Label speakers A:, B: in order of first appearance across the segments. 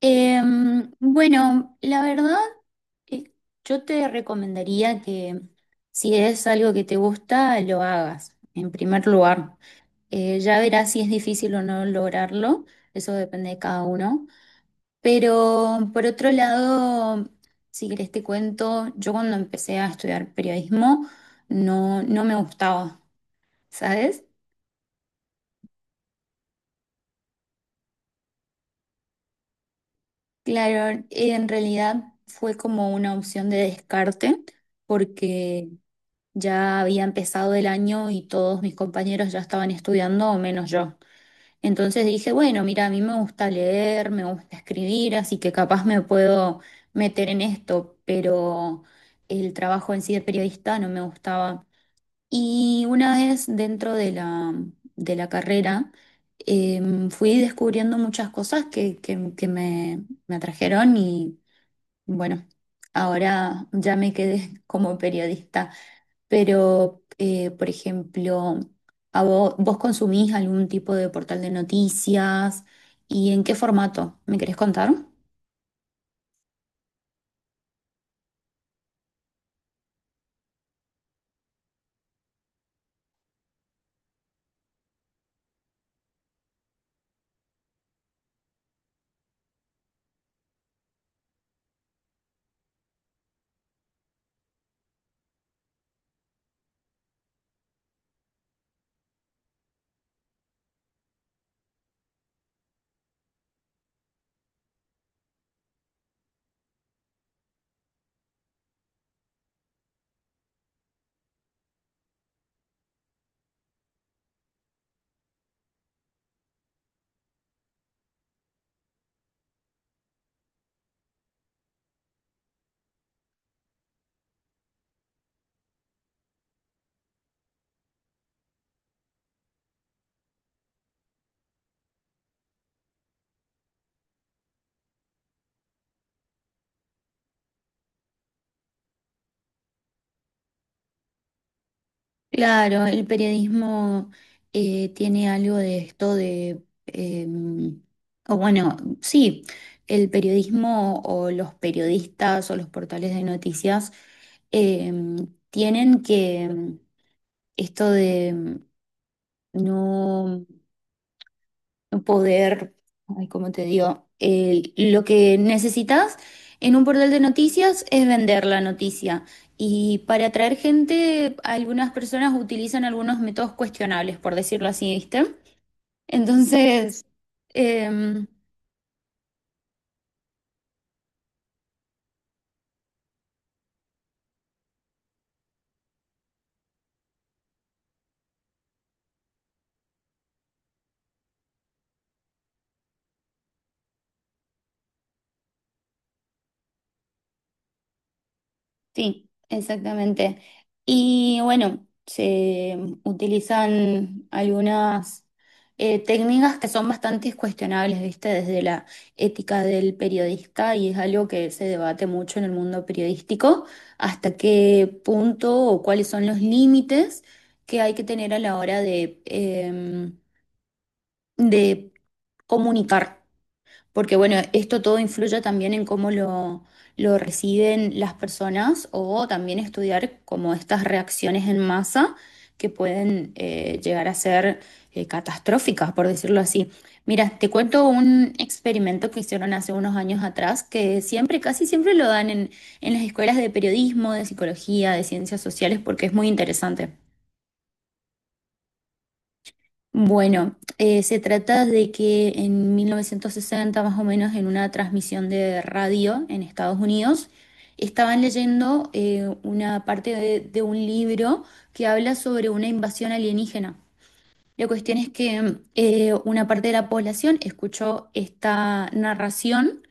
A: La verdad, eh, yo te recomendaría que si es algo que te gusta, lo hagas, en primer lugar. Ya verás si es difícil o no lograrlo, eso depende de cada uno. Pero por otro lado, si querés te cuento, yo cuando empecé a estudiar periodismo no me gustaba, ¿sabes? Claro, en realidad fue como una opción de descarte porque... Ya había empezado el año y todos mis compañeros ya estaban estudiando, o menos yo. Entonces dije, bueno, mira, a mí me gusta leer, me gusta escribir, así que capaz me puedo meter en esto, pero el trabajo en sí de periodista no me gustaba. Y una vez dentro de la carrera, fui descubriendo muchas cosas que me atrajeron y bueno, ahora ya me quedé como periodista. Pero, por ejemplo, ¿ vos, ¿consumís algún tipo de portal de noticias? ¿Y en qué formato? ¿Me querés contar? Claro, el periodismo tiene algo de esto de, o bueno, sí, el periodismo o los periodistas o los portales de noticias em, tienen que esto de no poder, ay, ¿cómo te digo? Lo que necesitas en un portal de noticias es vender la noticia. Y para atraer gente, algunas personas utilizan algunos métodos cuestionables, por decirlo así, ¿viste? Entonces, em, Sí, exactamente. Y bueno, se utilizan algunas técnicas que son bastante cuestionables, ¿viste? Desde la ética del periodista, y es algo que se debate mucho en el mundo periodístico, hasta qué punto o cuáles son los límites que hay que tener a la hora de, de comunicar, porque bueno, esto todo influye también en cómo lo reciben las personas, o también estudiar como estas reacciones en masa que pueden llegar a ser catastróficas, por decirlo así. Mira, te cuento un experimento que hicieron hace unos años atrás, que siempre, casi siempre lo dan en las escuelas de periodismo, de psicología, de ciencias sociales, porque es muy interesante. Bueno, se trata de que en 1960, más o menos, en una transmisión de radio en Estados Unidos, estaban leyendo una parte de un libro que habla sobre una invasión alienígena. La cuestión es que una parte de la población escuchó esta narración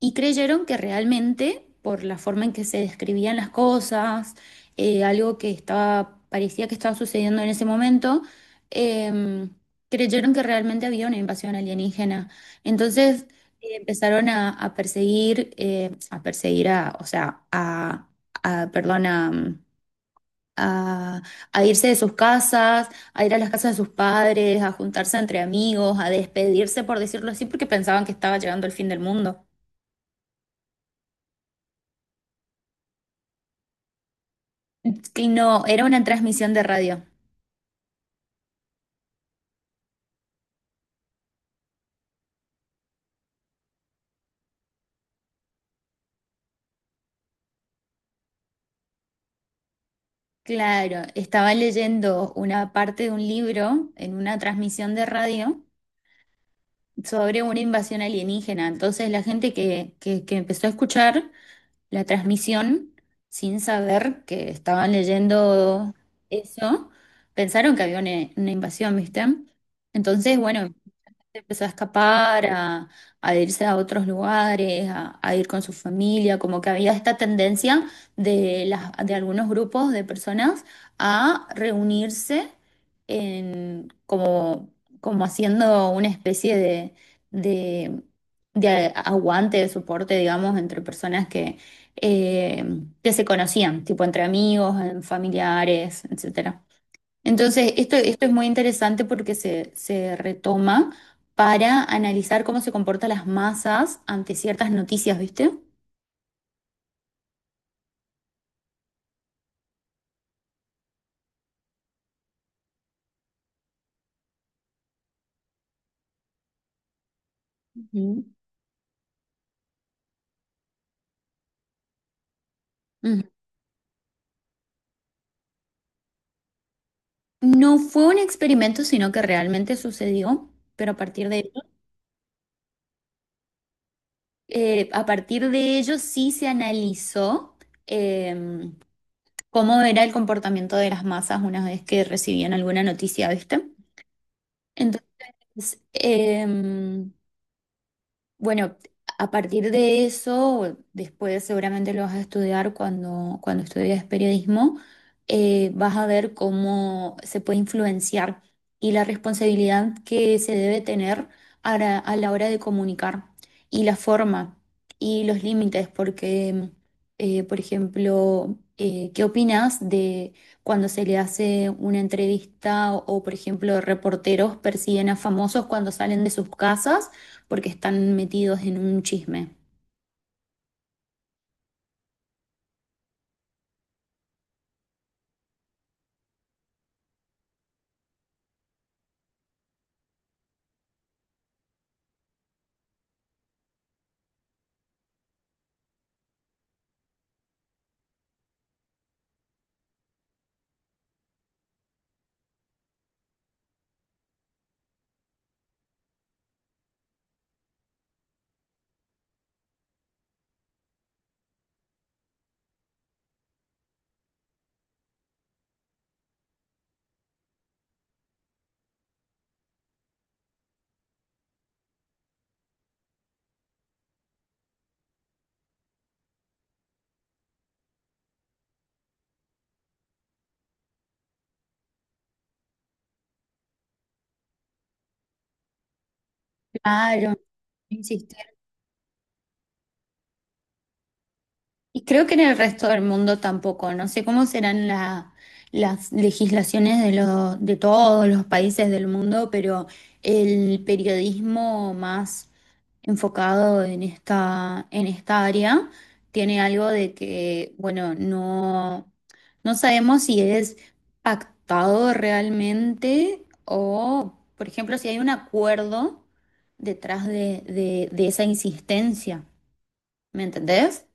A: y creyeron que realmente, por la forma en que se describían las cosas, algo que estaba, parecía que estaba sucediendo en ese momento, em, creyeron que realmente había una invasión alienígena. Entonces, empezaron a perseguir, o sea, a perdón, a... A, a irse de sus casas, a ir a las casas de sus padres, a juntarse entre amigos, a despedirse, por decirlo así, porque pensaban que estaba llegando el fin del mundo. Que no, era una transmisión de radio. Claro, estaba leyendo una parte de un libro en una transmisión de radio sobre una invasión alienígena. Entonces la gente que empezó a escuchar la transmisión sin saber que estaban leyendo eso, pensaron que había una invasión, ¿viste? Entonces, bueno, empezó a escapar, a irse a otros lugares, a ir con su familia, como que había esta tendencia de algunos grupos de personas a reunirse en, como, como haciendo una especie de, de aguante, de soporte, digamos, entre personas que se conocían, tipo entre amigos, en familiares, etcétera. Entonces, esto es muy interesante porque se retoma para analizar cómo se comportan las masas ante ciertas noticias, ¿viste? Ujú. Ujú. No fue un experimento, sino que realmente sucedió, pero a partir de ello, a partir de ello sí se analizó eh, cómo era el comportamiento de las masas una vez que recibían alguna noticia, ¿viste? Entonces, eh, Bueno, a partir de eso, después seguramente lo vas a estudiar cuando, cuando estudias periodismo. Vas a ver cómo se puede influenciar, y la responsabilidad que se debe tener a a la hora de comunicar, y la forma y los límites, porque, ¿qué opinas de cuando se le hace una entrevista o, por ejemplo, reporteros persiguen a famosos cuando salen de sus casas, porque están metidos en un chisme? Claro, insiste. Y creo que en el resto del mundo tampoco. No sé cómo serán las legislaciones de todos los países del mundo, pero el periodismo más enfocado en esta área tiene algo de que, bueno, no, no sabemos si es pactado realmente o, por ejemplo, si hay un acuerdo detrás de, de esa insistencia. ¿Me entendés?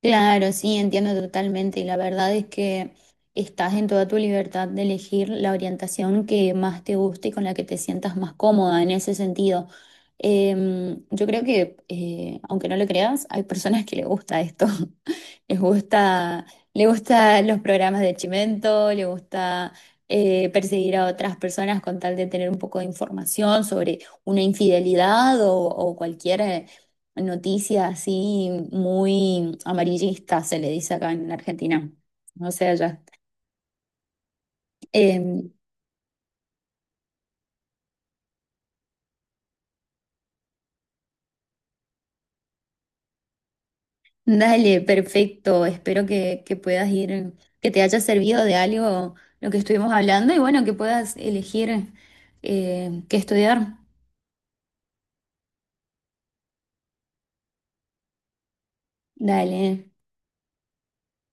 A: Claro, sí, entiendo totalmente. Y la verdad es que estás en toda tu libertad de elegir la orientación que más te guste y con la que te sientas más cómoda en ese sentido. Yo creo que, aunque no lo creas, hay personas que le gusta esto. Les gusta, le gusta los programas de Chimento, le gusta perseguir a otras personas con tal de tener un poco de información sobre una infidelidad o cualquier noticia así muy amarillista, se le dice acá en Argentina. O sea, ya. Em, Dale, perfecto. Espero que puedas ir, que te haya servido de algo lo que estuvimos hablando y bueno, que puedas elegir qué estudiar. Dale.